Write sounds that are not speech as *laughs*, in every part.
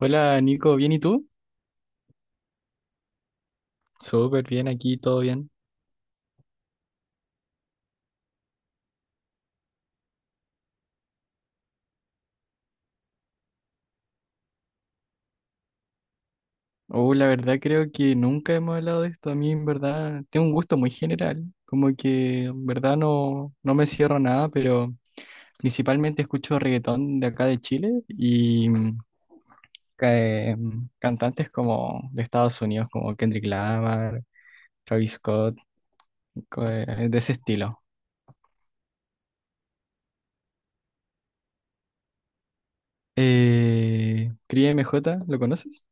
Hola Nico, ¿bien y tú? Súper bien aquí, todo bien. Oh, la verdad creo que nunca hemos hablado de esto. A mí en verdad tengo un gusto muy general, como que en verdad no, no me cierro a nada, pero principalmente escucho reggaetón de acá de Chile y cantantes como de Estados Unidos, como Kendrick Lamar, Travis Scott, de ese estilo. Cris MJ, ¿lo conoces?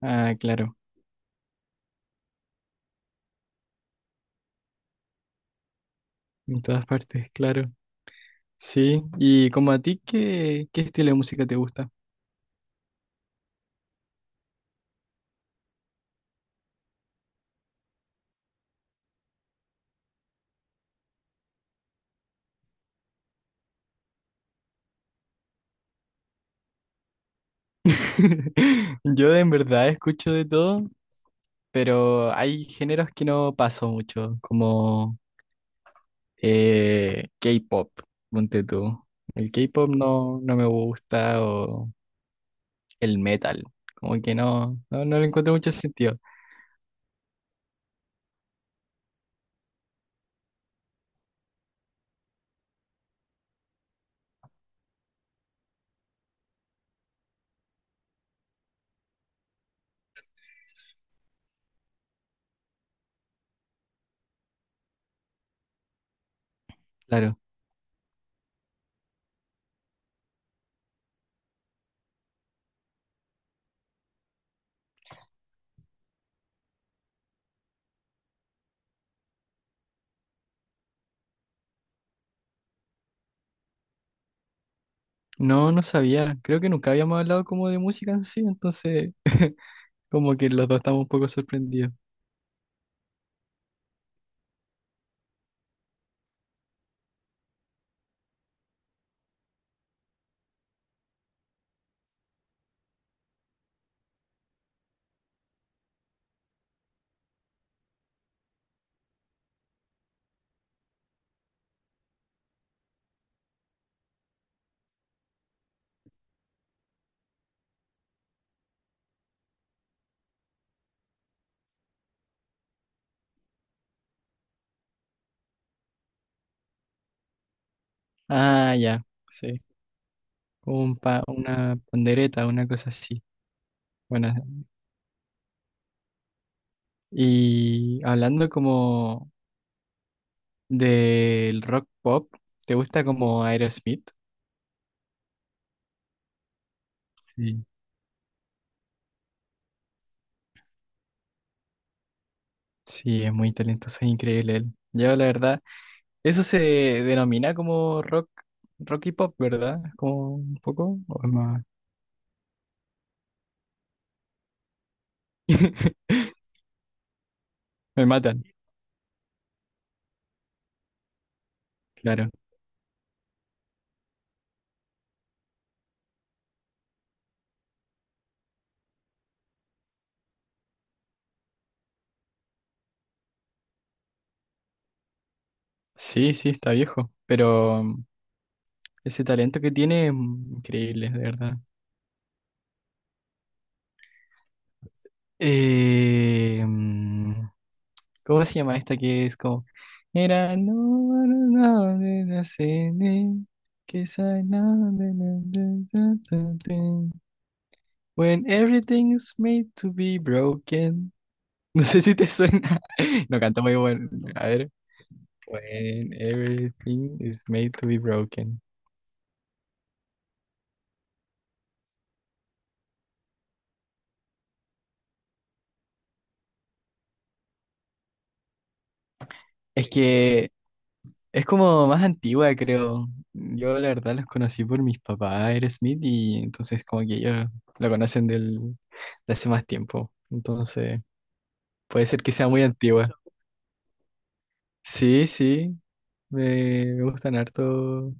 Ah, claro, en todas partes, claro. Sí, y como a ti, qué estilo de música te gusta? *laughs* Yo en verdad escucho de todo, pero hay géneros que no paso mucho, como K-pop, ponte tú. El K-pop no me gusta, o el metal, como que no le encuentro mucho sentido. Claro, no sabía, creo que nunca habíamos hablado como de música en sí, entonces como que los dos estamos un poco sorprendidos. Ah, ya, sí. Un una pandereta, una cosa así. Bueno, y hablando como del rock pop, ¿te gusta como Aerosmith? Sí. Sí, es muy talentoso, es increíble él. Yo la verdad, eso se denomina como rock y pop, ¿verdad? Como un poco, o es más- *laughs* Me matan, claro. Sí, sí, está viejo, pero ese talento que tiene, increíble, de verdad. Eh, mm, ¿Cómo se llama esta que es como... Era no, no, no, de la cene, que sa- na- de la- de- da- da- de. When everything's made to be broken. *laughs* No sé si te suena. *laughs* No canta muy bueno. A ver. When everything is made to be broken. Es que es como más antigua, creo. Yo la verdad los conocí por mis papás, Aerosmith, y entonces como que ellos lo conocen de hace más tiempo. Entonces. Puede ser que sea muy antigua. Sí, sí, me gustan harto.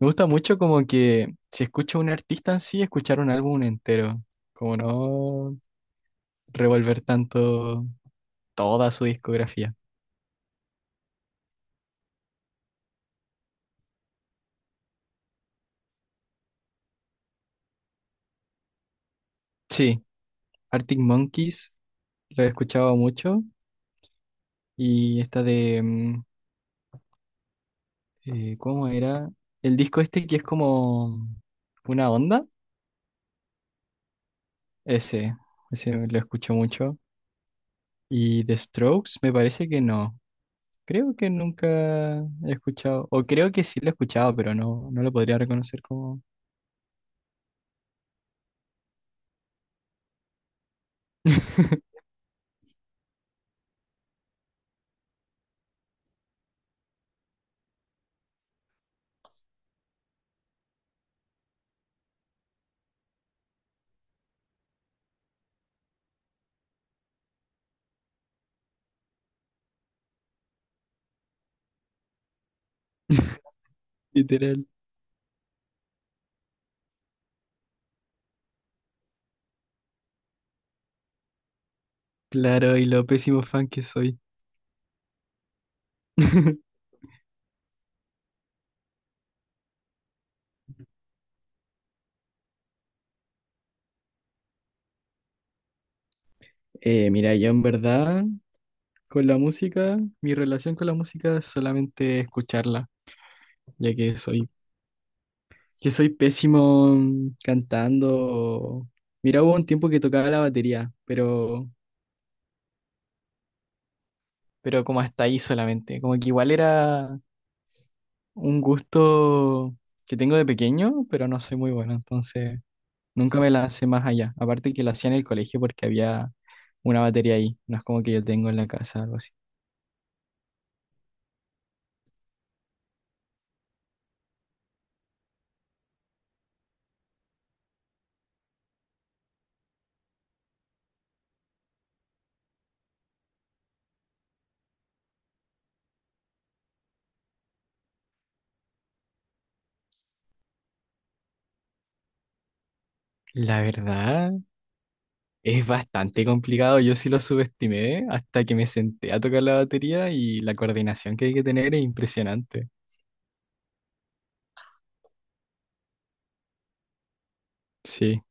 Me gusta mucho como que si escucho a un artista en sí, escuchar un álbum entero. Como no revolver tanto toda su discografía. Sí, Arctic Monkeys lo he escuchado mucho. Y esta de, ¿cómo era? El disco este que es como una onda. Ese, ese lo escucho mucho. Y The Strokes me parece que no. Creo que nunca he escuchado, o creo que sí lo he escuchado, pero no lo podría reconocer como *laughs* literal. Claro, y lo pésimo fan que soy. *laughs* Mira, yo en verdad con la música, mi relación con la música es solamente escucharla, ya que que soy pésimo cantando. O- Mira, hubo un tiempo que tocaba la batería, pero como hasta ahí solamente, como que igual era un gusto que tengo de pequeño, pero no soy muy bueno, entonces nunca me lancé más allá. Aparte que lo hacía en el colegio porque había una batería ahí, no es como que yo tengo en la casa algo así. La verdad es bastante complicado, yo sí lo subestimé hasta que me senté a tocar la batería y la coordinación que hay que tener es impresionante. Sí,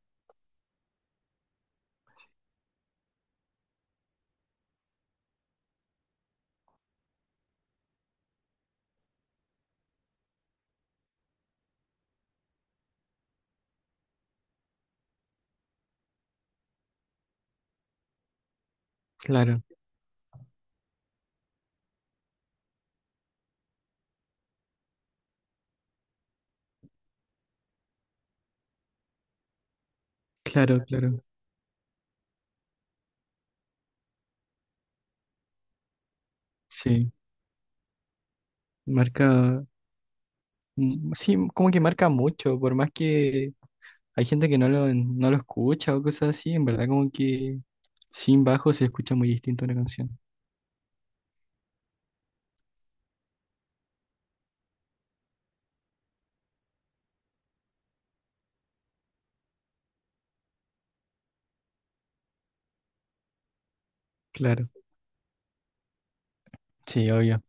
claro, claro, claro. Sí, marca, sí, como que marca mucho, por más que hay gente que no lo escucha o cosas así, en verdad como que sin bajo se escucha muy distinto una canción. Claro, sí, obvio.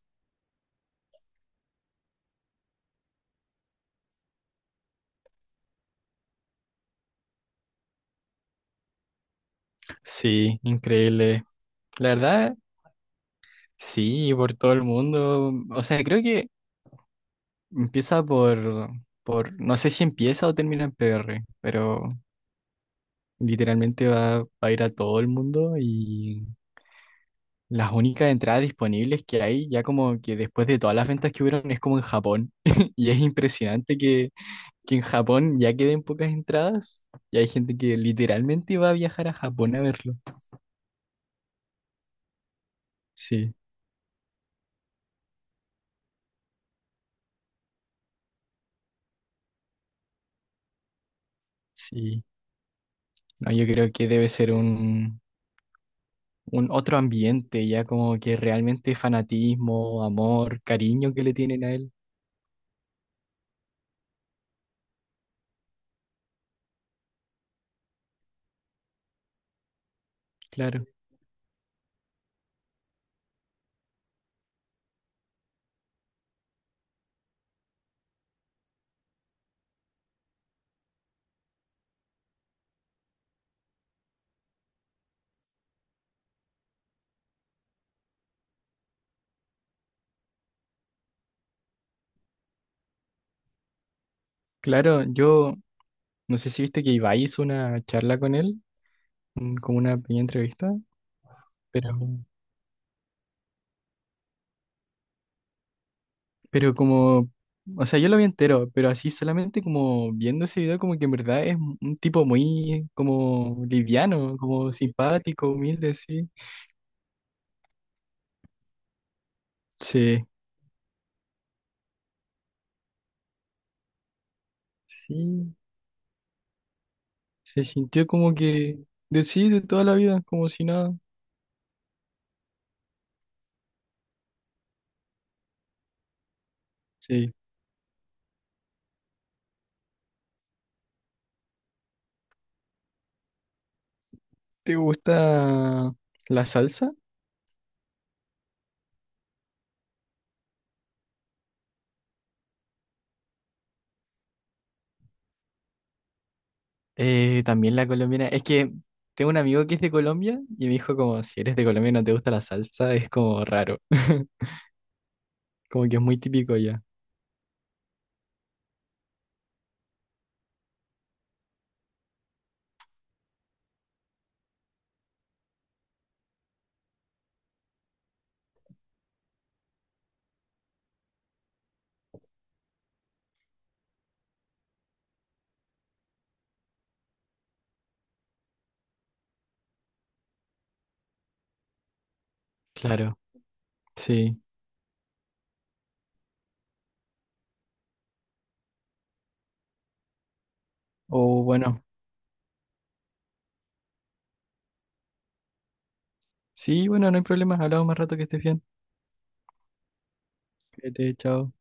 Sí, increíble. La verdad, sí, por todo el mundo. O sea, creo que empieza por, no sé si empieza o termina en PR, pero literalmente va a ir a todo el mundo y las únicas entradas disponibles que hay, ya como que después de todas las ventas que hubieron, es como en Japón. *laughs* Y es impresionante que en Japón ya queden pocas entradas y hay gente que literalmente va a viajar a Japón a verlo. Sí. Sí, no, yo creo que debe ser un otro ambiente, ya como que realmente fanatismo, amor, cariño que le tienen a él. Claro, claro, yo no sé si viste que Ibai hizo una charla con él, un- como una pequeña entrevista, pero, pero como, o sea, yo lo vi entero, pero así solamente como viendo ese video, como que en verdad es un tipo muy como liviano, como simpático, humilde, sí. Sí, sí. Se sintió como que de sí, de toda la vida, como si nada. Sí. ¿Te gusta la salsa? También la colombiana. Es que tengo un amigo que es de Colombia y me dijo como, si eres de Colombia y no te gusta la salsa, es como raro. *laughs* Como que es muy típico ya. Claro, sí. O bueno, sí, bueno, no hay problema. Hablamos más rato que estés bien. Cuídate, chao.